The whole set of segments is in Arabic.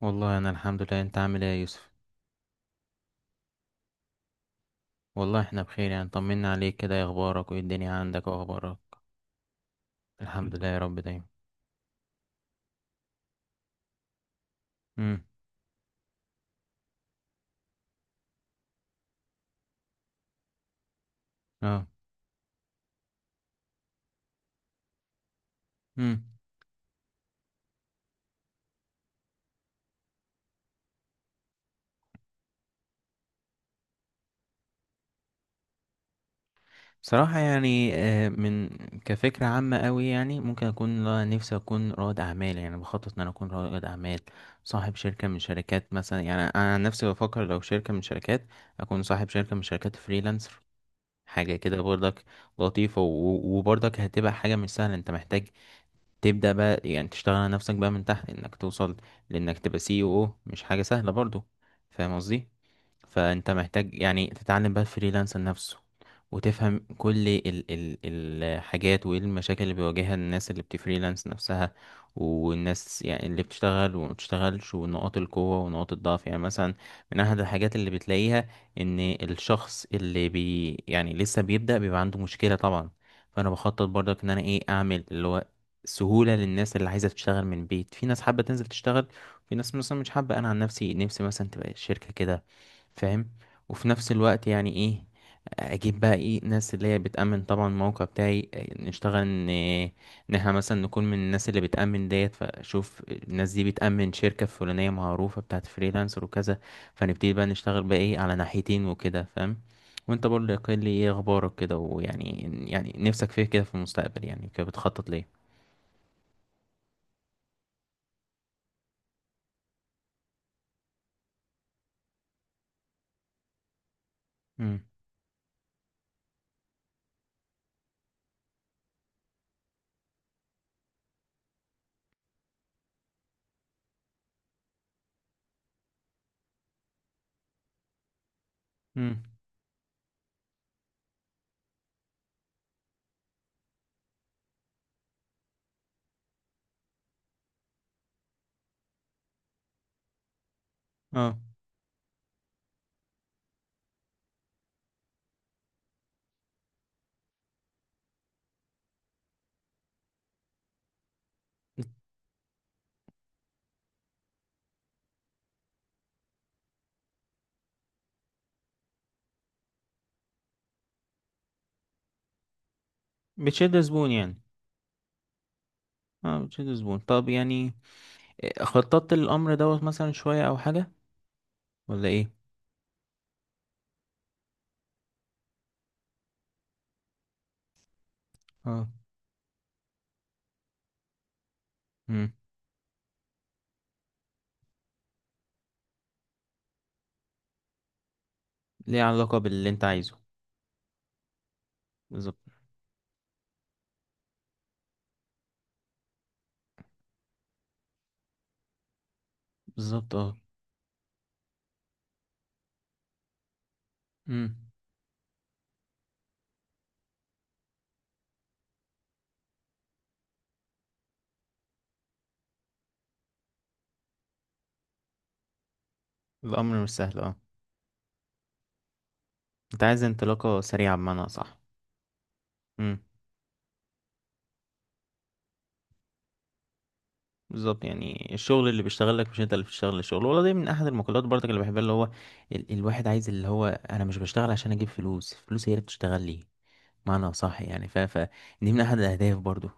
والله انا الحمد لله. انت عامل ايه يا يوسف؟ والله احنا بخير، يعني طمنا عليك كده. إيه اخبارك وايه الدنيا عندك واخبارك؟ الحمد لله يا رب دايما. امم. اه. امم. بصراحه يعني من كفكره عامه قوي، يعني ممكن اكون نفسي اكون رائد اعمال، يعني بخطط ان انا اكون رائد اعمال، صاحب شركه من شركات مثلا. يعني انا عن نفسي بفكر لو شركه من شركات، اكون صاحب شركه من شركات فريلانسر، حاجه كده برضك. لطيفه وبرضك هتبقى حاجه مش سهله. انت محتاج تبدأ بقى، يعني تشتغل على نفسك بقى من تحت انك توصل لانك تبقى سي او، مش حاجة سهلة برضو. فاهم قصدي؟ فانت محتاج يعني تتعلم بقى الفريلانسر نفسه، وتفهم كل ال الحاجات وايه المشاكل اللي بيواجهها الناس اللي بتفريلانس نفسها، والناس يعني اللي بتشتغل وما بتشتغلش، ونقاط القوة ونقاط الضعف. يعني مثلا من احد الحاجات اللي بتلاقيها ان الشخص اللي بي يعني لسه بيبدأ بيبقى عنده مشكلة طبعا. فانا بخطط برضك ان انا ايه اعمل اللي هو سهولة للناس اللي عايزة تشتغل من البيت. في ناس حابة تنزل تشتغل، في ناس مثلا مش حابة. انا عن نفسي مثلا تبقى الشركة كده، فاهم؟ وفي نفس الوقت يعني ايه، اجيب بقى ايه ناس اللي هي بتأمن طبعا الموقع بتاعي. نشتغل ان احنا مثلا نكون من الناس اللي بتأمن ديت. فشوف الناس دي بتأمن شركة فلانية معروفة بتاعت فريلانسر وكذا، فنبتدي بقى نشتغل بقى ايه على ناحيتين وكده، فاهم؟ وانت برضه يقول لي ايه اخبارك كده ويعني، يعني نفسك فيه كده في المستقبل؟ يعني كده بتخطط ليه؟ امم. امم. اه، بتشد زبون يعني. اه، بتشد زبون. طب يعني خططت للأمر دوت مثلا شوية أو حاجة ولا إيه؟ اه. امم. ليه علاقة باللي أنت عايزه. بالظبط. بالظبط اه. امم. الأمر مش سهل اه. أنت عايز انطلاقة سريعة بمعنى صح. امم. بالظبط، يعني الشغل اللي بيشتغلك مش أنت اللي بتشتغل الشغل، ولا دي من أحد المقولات برضك اللي بحبها، اللي هو الواحد عايز اللي هو أنا مش بشتغل عشان أجيب فلوس، فلوس هي اللي بتشتغل لي. معنى صح يعني ف دي من أحد الأهداف برضو.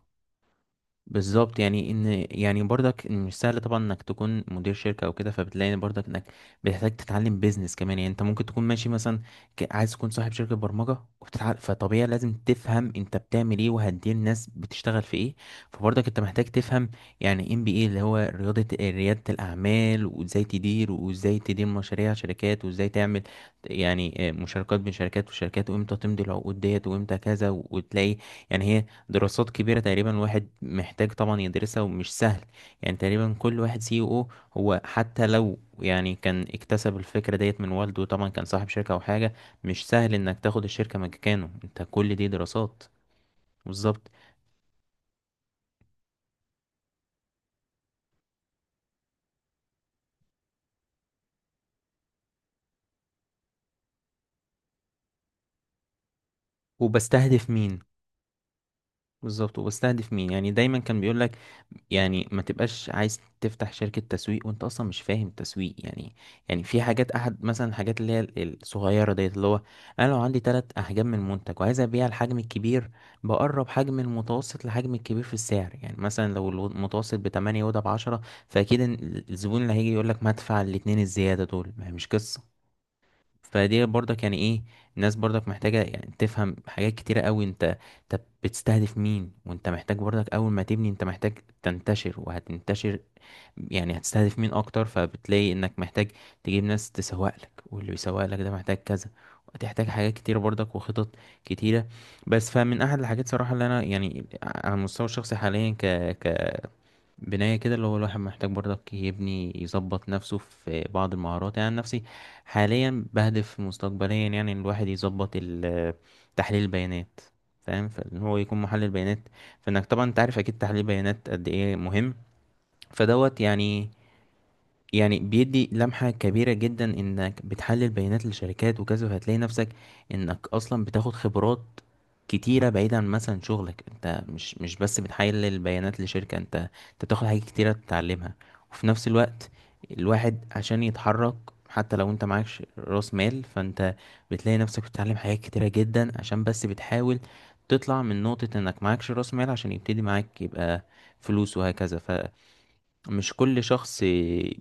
بالظبط يعني ان، يعني برضك إن مش سهل طبعا انك تكون مدير شركه او كده، فبتلاقي إن برضك انك بتحتاج تتعلم بيزنس كمان. يعني انت ممكن تكون ماشي مثلا، عايز تكون صاحب شركه برمجه وبتتعلم. فطبيعي لازم تفهم انت بتعمل ايه، وهتدير الناس بتشتغل في ايه. فبرضك انت محتاج تفهم، يعني ام بي اي اللي هو رياضه رياده الاعمال، وازاي تدير وازاي تدير مشاريع شركات، وازاي تعمل يعني مشاركات بين شركات وشركات، وامتى تمضي العقود ديت وامتى كذا. وتلاقي يعني هي دراسات كبيرة تقريبا، واحد محتاج طبعا يدرسها ومش سهل. يعني تقريبا كل واحد سي او، هو حتى لو يعني كان اكتسب الفكرة ديت من والده، طبعا كان صاحب شركة او حاجة، مش سهل انك تاخد الشركة مكانه. انت كل دي دراسات. بالظبط. وبستهدف مين. بالظبط وبستهدف مين، يعني دايما كان بيقول لك يعني ما تبقاش عايز تفتح شركة تسويق وانت اصلا مش فاهم التسويق يعني. يعني في حاجات احد مثلا الحاجات اللي هي الصغيرة ديت اللي هو انا لو عندي تلات احجام من منتج وعايز ابيع الحجم الكبير، بقرب حجم المتوسط لحجم الكبير في السعر. يعني مثلا لو المتوسط بتمانية وده بعشرة، فاكيد إن الزبون اللي هيجي يقول لك ما ادفع الاتنين الزيادة دول، ما هي مش قصة. فدي برضك يعني ايه، الناس برضك محتاجة يعني تفهم حاجات كتيرة قوي انت. طب بتستهدف مين، وانت محتاج برضك اول ما تبني انت محتاج تنتشر وهتنتشر. يعني هتستهدف مين اكتر، فبتلاقي انك محتاج تجيب ناس تسوق لك، واللي بيسوق لك ده محتاج كذا. وهتحتاج حاجات كتيرة برضك وخطط كتيرة. بس فمن احد الحاجات صراحة اللي انا يعني على المستوى الشخصي حاليا ك بناية كده، اللي هو الواحد محتاج برضك يبني يظبط نفسه في بعض المهارات. يعني عن نفسي حاليا بهدف مستقبليا يعني إن الواحد يظبط تحليل البيانات، فاهم، فان هو يكون محلل بيانات. فانك طبعا انت عارف اكيد تحليل البيانات قد ايه مهم، فدوت يعني. يعني بيدي لمحة كبيرة جدا انك بتحلل بيانات لشركات وكذا، وهتلاقي نفسك انك اصلا بتاخد خبرات كتيرة بعيدا عن مثلا شغلك. انت مش بس بتحلل بيانات لشركة، انت بتاخد حاجات كتيرة تتعلمها. وفي نفس الوقت الواحد عشان يتحرك، حتى لو انت معكش راس مال، فانت بتلاقي نفسك بتتعلم حاجات كتيرة جدا عشان بس بتحاول تطلع من نقطة انك معكش راس مال، عشان يبتدي معاك يبقى فلوس وهكذا. مش كل شخص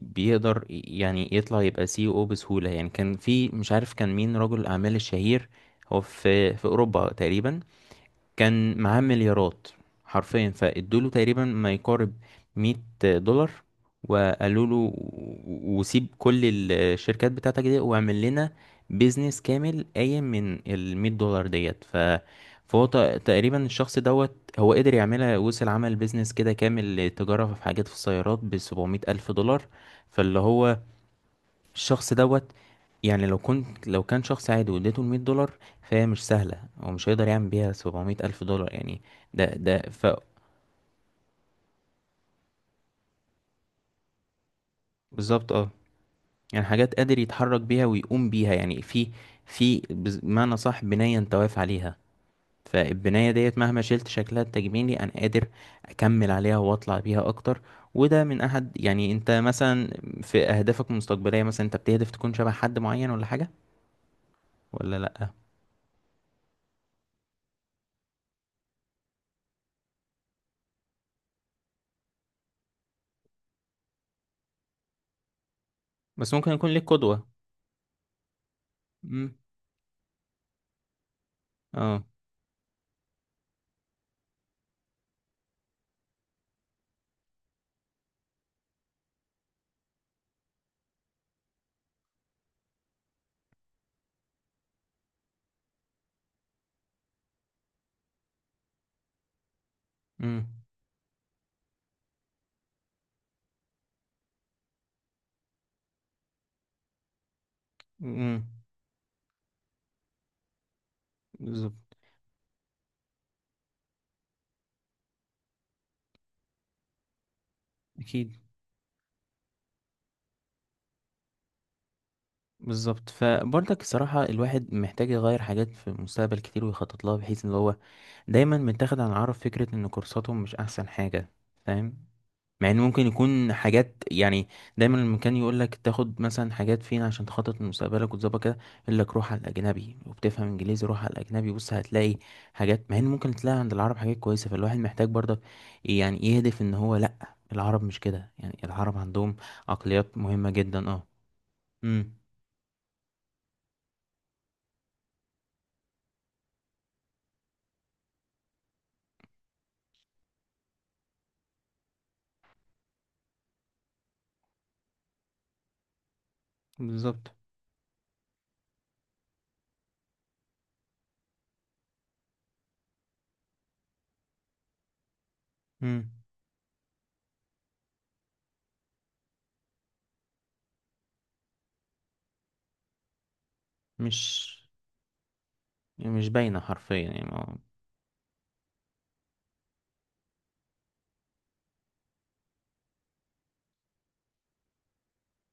بيقدر يعني يطلع يبقى سي او بسهولة. يعني كان في مش عارف كان مين رجل الأعمال الشهير، هو في أوروبا تقريبا، كان معاه مليارات حرفيا. فادوله تقريبا ما يقارب 100 دولار، وقالوا له وسيب كل الشركات بتاعتك دي واعمل لنا بيزنس كامل قايم من ال 100 دولار ديت. فهو تقريبا الشخص دوت هو قدر يعملها. وصل عمل بيزنس كده كامل، تجارة في حاجات في السيارات ب 700 ألف دولار. فاللي هو الشخص دوت يعني لو كان شخص عادي واديته المية دولار، فهي مش سهلة، هو مش هيقدر يعمل بيها سبعمية ألف دولار يعني. ده ده ف بالظبط اه. يعني حاجات قادر يتحرك بيها ويقوم بيها يعني في بمعنى صح بناية انت واقف عليها. فالبناية ديت مهما شلت شكلها التجميلي أنا قادر أكمل عليها وأطلع بيها أكتر. وده من أحد، يعني أنت مثلا في أهدافك المستقبلية مثلا أنت بتهدف تكون شبه حد معين ولا حاجة ولا لأ؟ بس ممكن يكون ليك قدوة. مم. اه. امم. امم. بالظبط. اكيد. بالظبط. فبرضك الصراحه الواحد محتاج يغير حاجات في المستقبل كتير ويخطط لها، بحيث ان هو دايما متاخد عن العرب فكره ان كورساتهم مش احسن حاجه، فاهم. مع ان ممكن يكون حاجات يعني دايما المكان يقول لك تاخد مثلا حاجات فين عشان تخطط لمستقبلك وتظبط كده. يقول لك روح على الاجنبي، وبتفهم انجليزي روح على الاجنبي، بص هتلاقي حاجات. مع ان ممكن تلاقي عند العرب حاجات كويسه. فالواحد محتاج برضك يعني يهدف ان هو لا، العرب مش كده. يعني العرب عندهم عقليات مهمه جدا اه. امم. بالظبط. امم. مش مش باينه حرفيا يعني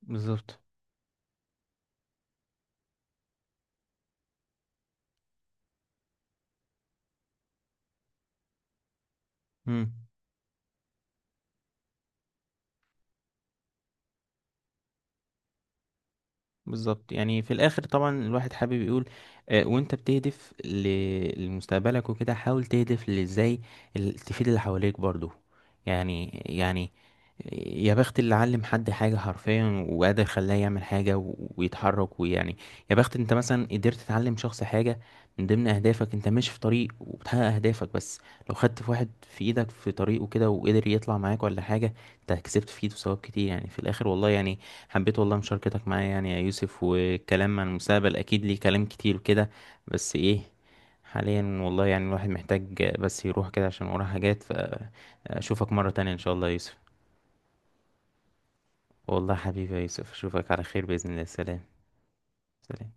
بالظبط. بالظبط، يعني في الاخر طبعا الواحد حابب يقول وانت بتهدف لمستقبلك وكده، حاول تهدف لازاي تفيد اللي حواليك برضو. يعني يا بخت اللي علم حد حاجة حرفيا وقادر خلاه يعمل حاجة ويتحرك ويعني، يا بخت انت مثلا قدرت تعلم شخص حاجة. من ضمن اهدافك انت ماشي في طريق وبتحقق اهدافك، بس لو خدت في واحد في ايدك في طريقه كده وقدر يطلع معاك ولا حاجة، انت كسبت في ايده ثواب كتير يعني في الاخر والله يعني. حبيت والله مشاركتك معايا يعني يا يوسف، والكلام عن المستقبل اكيد ليه كلام كتير وكده. بس ايه، حاليا والله يعني الواحد محتاج بس يروح كده عشان وراه حاجات. فاشوفك مرة تانية ان شاء الله يا يوسف. والله حبيبي يا يوسف، اشوفك على خير بإذن الله. سلام. سلام.